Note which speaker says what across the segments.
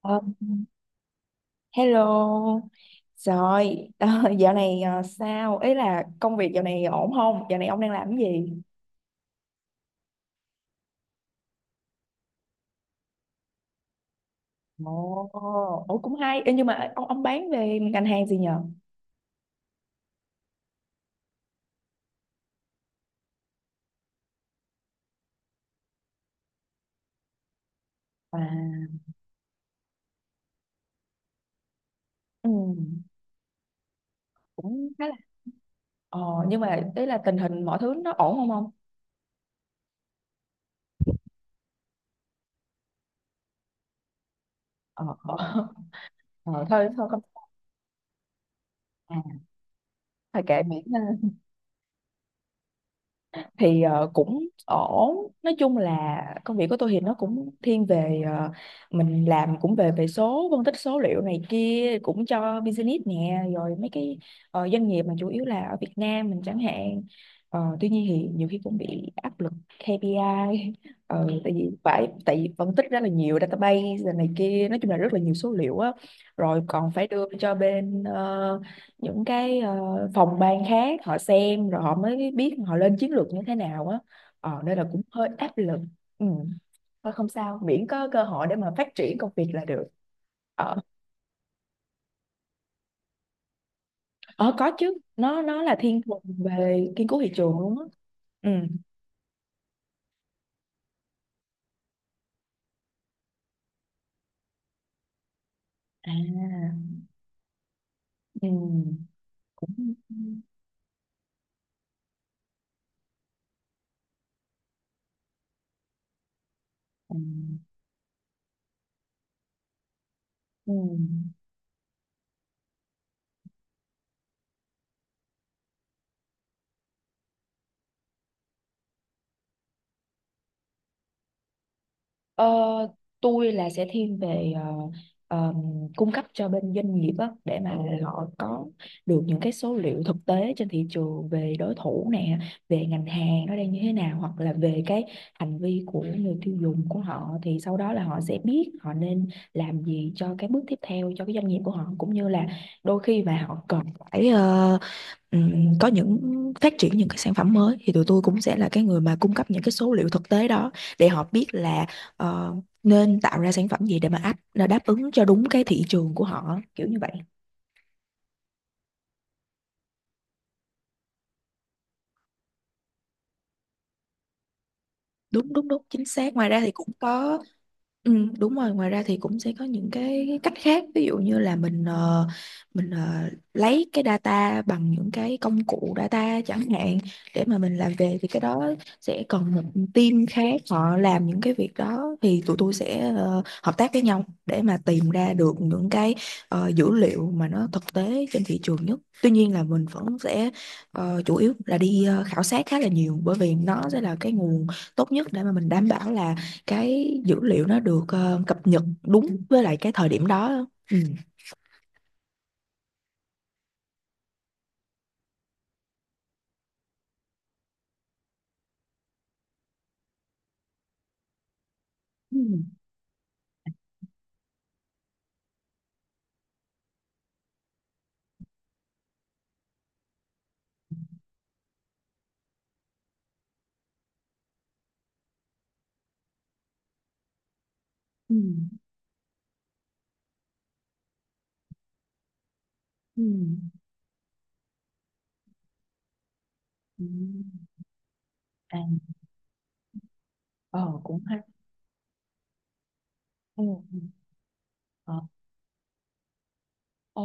Speaker 1: Ờ, Hello, rồi ờ, dạo này sao? Ý là công việc dạo này ổn không? Dạo này ông đang làm cái gì? Ồ, ồ cũng hay. Ê, nhưng mà ông bán về ngành hàng gì nhờ? À, ừ, cũng khá là. Ờ, nhưng mà ý là tình hình mọi thứ nó ổn không ông? Ờ, ờ, ờ, thôi thôi con. À, thôi kệ miễn thì cũng ổn. Nói chung là công việc của tôi thì nó cũng thiên về mình làm cũng về về số, phân tích số liệu này kia cũng cho business nè, rồi mấy cái doanh nghiệp mà chủ yếu là ở Việt Nam mình chẳng hạn. Ờ, tuy nhiên thì nhiều khi cũng bị áp lực KPI. Ờ, tại vì phải tại vì phân tích rất là nhiều database rồi này kia, nói chung là rất là nhiều số liệu á, rồi còn phải đưa cho bên những cái phòng ban khác họ xem rồi họ mới biết họ lên chiến lược như thế nào á. Nên là cũng hơi áp lực. Ừ. Thôi không sao, miễn có cơ hội để mà phát triển công việc là được. Ờ, ờ có chứ, nó là thiên thuần về nghiên cứu thị trường luôn á. Ừ. À. Ừ. Cũng ừ. Ừ. Ờ, tôi là sẽ thiên về ờ, cung cấp cho bên doanh nghiệp á, để mà họ có được những cái số liệu thực tế trên thị trường về đối thủ nè, về ngành hàng nó đang như thế nào, hoặc là về cái hành vi của người tiêu dùng của họ, thì sau đó là họ sẽ biết họ nên làm gì cho cái bước tiếp theo cho cái doanh nghiệp của họ, cũng như là đôi khi mà họ cần phải có những phát triển những cái sản phẩm mới thì tụi tôi cũng sẽ là cái người mà cung cấp những cái số liệu thực tế đó để họ biết là ờ, nên tạo ra sản phẩm gì để mà đáp ứng cho đúng cái thị trường của họ, kiểu như vậy. Đúng đúng đúng, chính xác. Ngoài ra thì cũng có. Ừ, đúng rồi. Ngoài ra thì cũng sẽ có những cái cách khác, ví dụ như là mình lấy cái data bằng những cái công cụ data chẳng hạn, để mà mình làm về thì cái đó sẽ còn một team khác họ làm những cái việc đó, thì tụi tôi sẽ hợp tác với nhau để mà tìm ra được những cái dữ liệu mà nó thực tế trên thị trường nhất. Tuy nhiên là mình vẫn sẽ chủ yếu là đi khảo sát khá là nhiều, bởi vì nó sẽ là cái nguồn tốt nhất để mà mình đảm bảo là cái dữ liệu nó được cập nhật đúng với lại cái thời điểm đó. Ừ. Ừ. Ừ. Ừ. Ừ. À. Ờ cũng hay. Ừ. Ừ, ờ, ờ.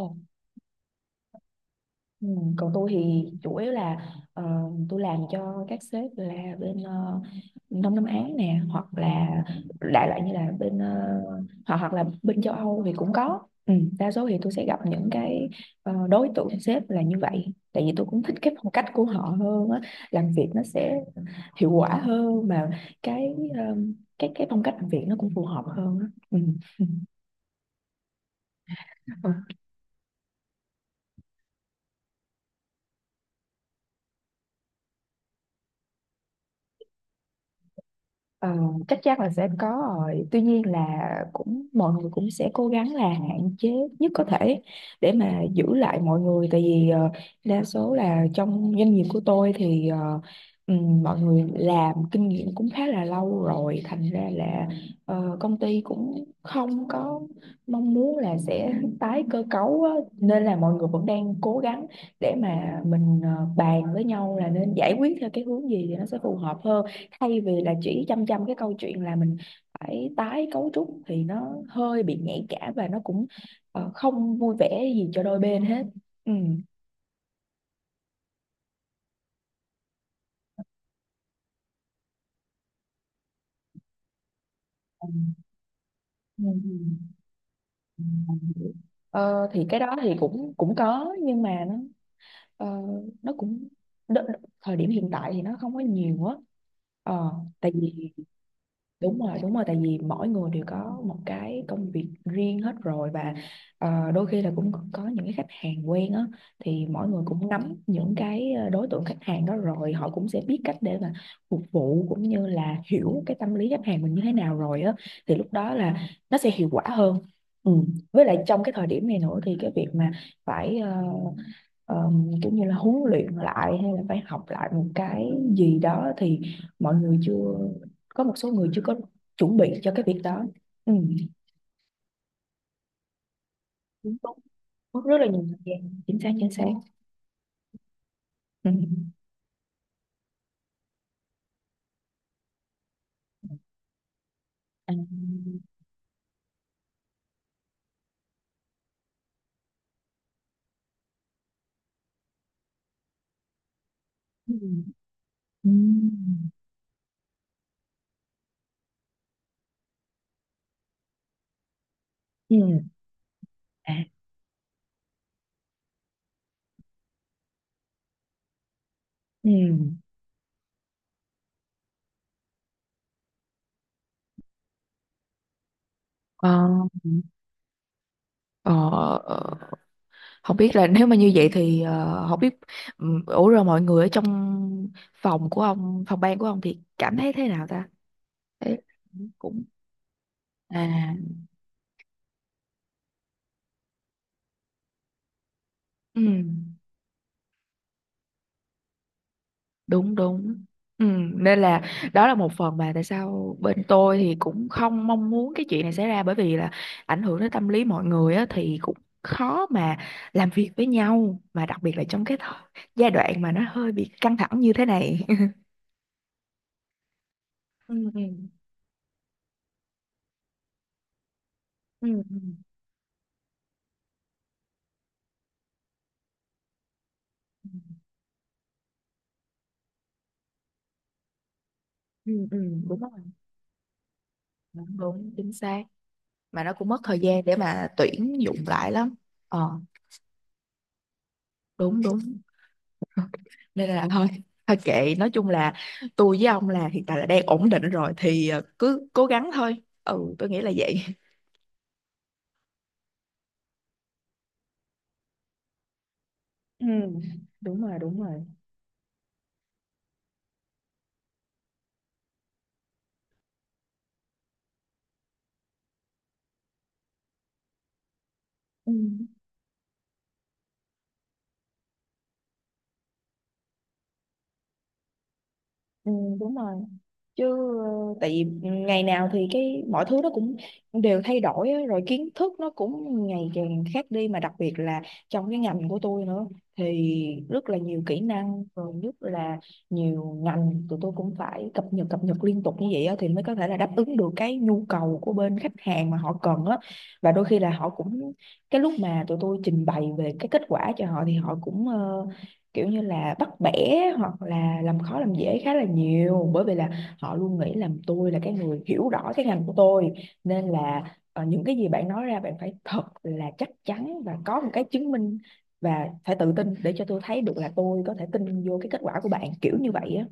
Speaker 1: Ừ. Còn tôi thì chủ yếu là ờ, tôi làm cho các sếp là bên Đông Nam Á nè, hoặc là đại loại như là bên hoặc hoặc là bên châu Âu thì cũng có. Ừ. Đa số thì tôi sẽ gặp những cái đối tượng sếp là như vậy, tại vì tôi cũng thích cái phong cách của họ hơn á, làm việc nó sẽ hiệu quả hơn, mà cái um, cái phong cách làm việc nó cũng phù hợp hơn á. Ừ. Ờ, chắc chắn là sẽ có rồi. Tuy nhiên là cũng mọi người cũng sẽ cố gắng là hạn chế nhất có thể để mà giữ lại mọi người, tại vì đa số là trong doanh nghiệp của tôi thì mọi người làm kinh nghiệm cũng khá là lâu rồi, thành ra là công ty cũng không có mong muốn là sẽ tái cơ cấu á. Nên là mọi người vẫn đang cố gắng để mà mình bàn với nhau là nên giải quyết theo cái hướng gì thì nó sẽ phù hợp hơn, thay vì là chỉ chăm chăm cái câu chuyện là mình phải tái cấu trúc, thì nó hơi bị nhạy cảm và nó cũng không vui vẻ gì cho đôi bên hết. Ừ. Ừ, ừ, ừ, ờ, thì cái đó thì cũng cũng có, nhưng mà nó ờ, nó cũng đ- đ- thời điểm hiện tại thì nó không có nhiều quá. ờ, Tại vì đúng rồi, đúng rồi, tại vì mỗi người đều có một cái công việc riêng hết rồi, và đôi khi là cũng có những cái khách hàng quen á, thì mỗi người cũng nắm những cái đối tượng khách hàng đó rồi, họ cũng sẽ biết cách để mà phục vụ, cũng như là hiểu cái tâm lý khách hàng mình như thế nào rồi á, thì lúc đó là nó sẽ hiệu quả hơn. Ừ. Với lại trong cái thời điểm này nữa thì cái việc mà phải kiểu như là huấn luyện lại, hay là phải học lại một cái gì đó, thì mọi người chưa, có một số người chưa có chuẩn bị cho cái việc đó. Ừ. Đúng, đúng. Mất rất là nhiều thời gian, chính xác chính xác. Ừ. À, ừ, ừ. Ừ. À. Ừ. Ờ, ờ, ờ. Không biết là nếu mà như vậy thì ờ, không biết, ừ, ủa rồi mọi người ở trong phòng của ông, phòng ban của ông thì cảm thấy thế nào ta? Thế cũng à. Ừ, đúng đúng. Ừ, nên là đó là một phần mà tại sao bên tôi thì cũng không mong muốn cái chuyện này xảy ra, bởi vì là ảnh hưởng đến tâm lý mọi người á, thì cũng khó mà làm việc với nhau, mà đặc biệt là trong cái thời, giai đoạn mà nó hơi bị căng thẳng như thế này. Ừ, ừ, ừ, ừ, ừ, ừ, đúng rồi. Đúng đúng, chính xác. Mà nó cũng mất thời gian để mà tuyển dụng lại lắm. Ờ, đúng đúng. Nên là thôi, thôi kệ, nói chung là tôi với ông là hiện tại là đang ổn định rồi, thì ờ, cứ cố gắng thôi, ừ tôi nghĩ là vậy. Ừ, đúng rồi, đúng rồi. Ừ. Ừ, đúng rồi. Chứ tại vì ngày nào thì cái mọi thứ nó cũng đều thay đổi á, rồi kiến thức nó cũng ngày càng khác đi, mà đặc biệt là trong cái ngành của tôi nữa, thì rất là nhiều kỹ năng, rồi rất là nhiều ngành, tụi tôi cũng phải cập nhật liên tục như vậy á, thì mới có thể là đáp ứng được cái nhu cầu của bên khách hàng mà họ cần á. Và đôi khi là họ cũng, cái lúc mà tụi tôi trình bày về cái kết quả cho họ, thì họ cũng kiểu như là bắt bẻ, hoặc là làm khó làm dễ khá là nhiều, bởi vì là họ luôn nghĩ là tôi là cái người hiểu rõ cái ngành của tôi, nên là những cái gì bạn nói ra bạn phải thật là chắc chắn và có một cái chứng minh, và phải tự tin để cho tôi thấy được là tôi có thể tin vô cái kết quả của bạn, kiểu như vậy á.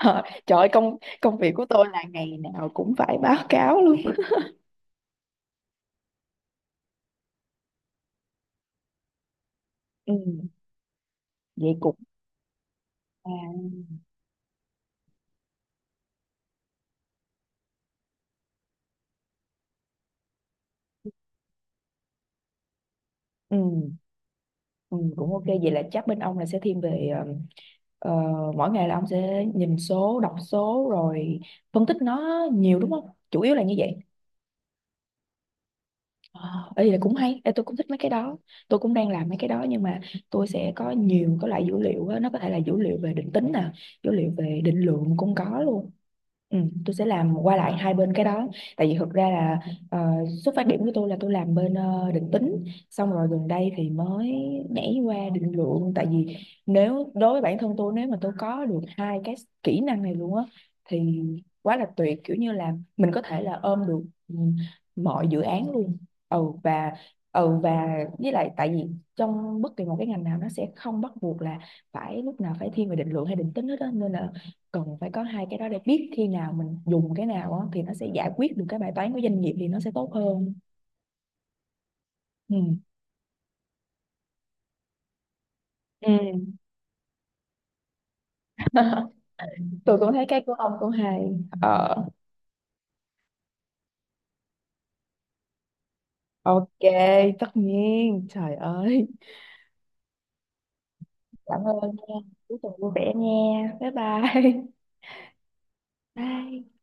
Speaker 1: Ờ, trời ơi, công công việc của tôi là ngày nào cũng phải báo cáo luôn. Ừ, vậy cũng à. Ừ, ừ, cũng ok, vậy là chắc bên ông là sẽ thiên về ờ, mỗi ngày là ông sẽ nhìn số, đọc số, rồi phân tích nó nhiều đúng không, chủ yếu là như vậy. Ờ, ý là cũng hay. Ê, tôi cũng thích mấy cái đó. Tôi cũng đang làm mấy cái đó. Nhưng mà tôi sẽ có nhiều cái loại dữ liệu á. Nó có thể là dữ liệu về định tính nè. Dữ liệu về định lượng cũng có luôn. Ừ, tôi sẽ làm qua lại hai bên cái đó, tại vì thực ra là ờ, xuất phát điểm của tôi là tôi làm bên định tính, xong rồi gần đây thì mới nhảy qua định lượng. Tại vì nếu đối với bản thân tôi, nếu mà tôi có được hai cái kỹ năng này luôn á, thì quá là tuyệt, kiểu như là mình có thể là ôm được ừ, mọi dự án luôn. Ừ và ừ và với lại, tại vì trong bất kỳ một cái ngành nào nó sẽ không bắt buộc là phải lúc nào phải thiên về định lượng hay định tính hết á, nên là cần phải có hai cái đó để biết khi nào mình dùng cái nào á, thì nó sẽ giải quyết được cái bài toán của doanh nghiệp thì nó sẽ tốt hơn. Ừ. Ừ. Tôi cũng thấy cái của ông cũng hay. Ờ. Ok, tất nhiên. Trời ơi. Cảm ơn nha, cuối tuần vui vẻ nha. Bye bye. Bye.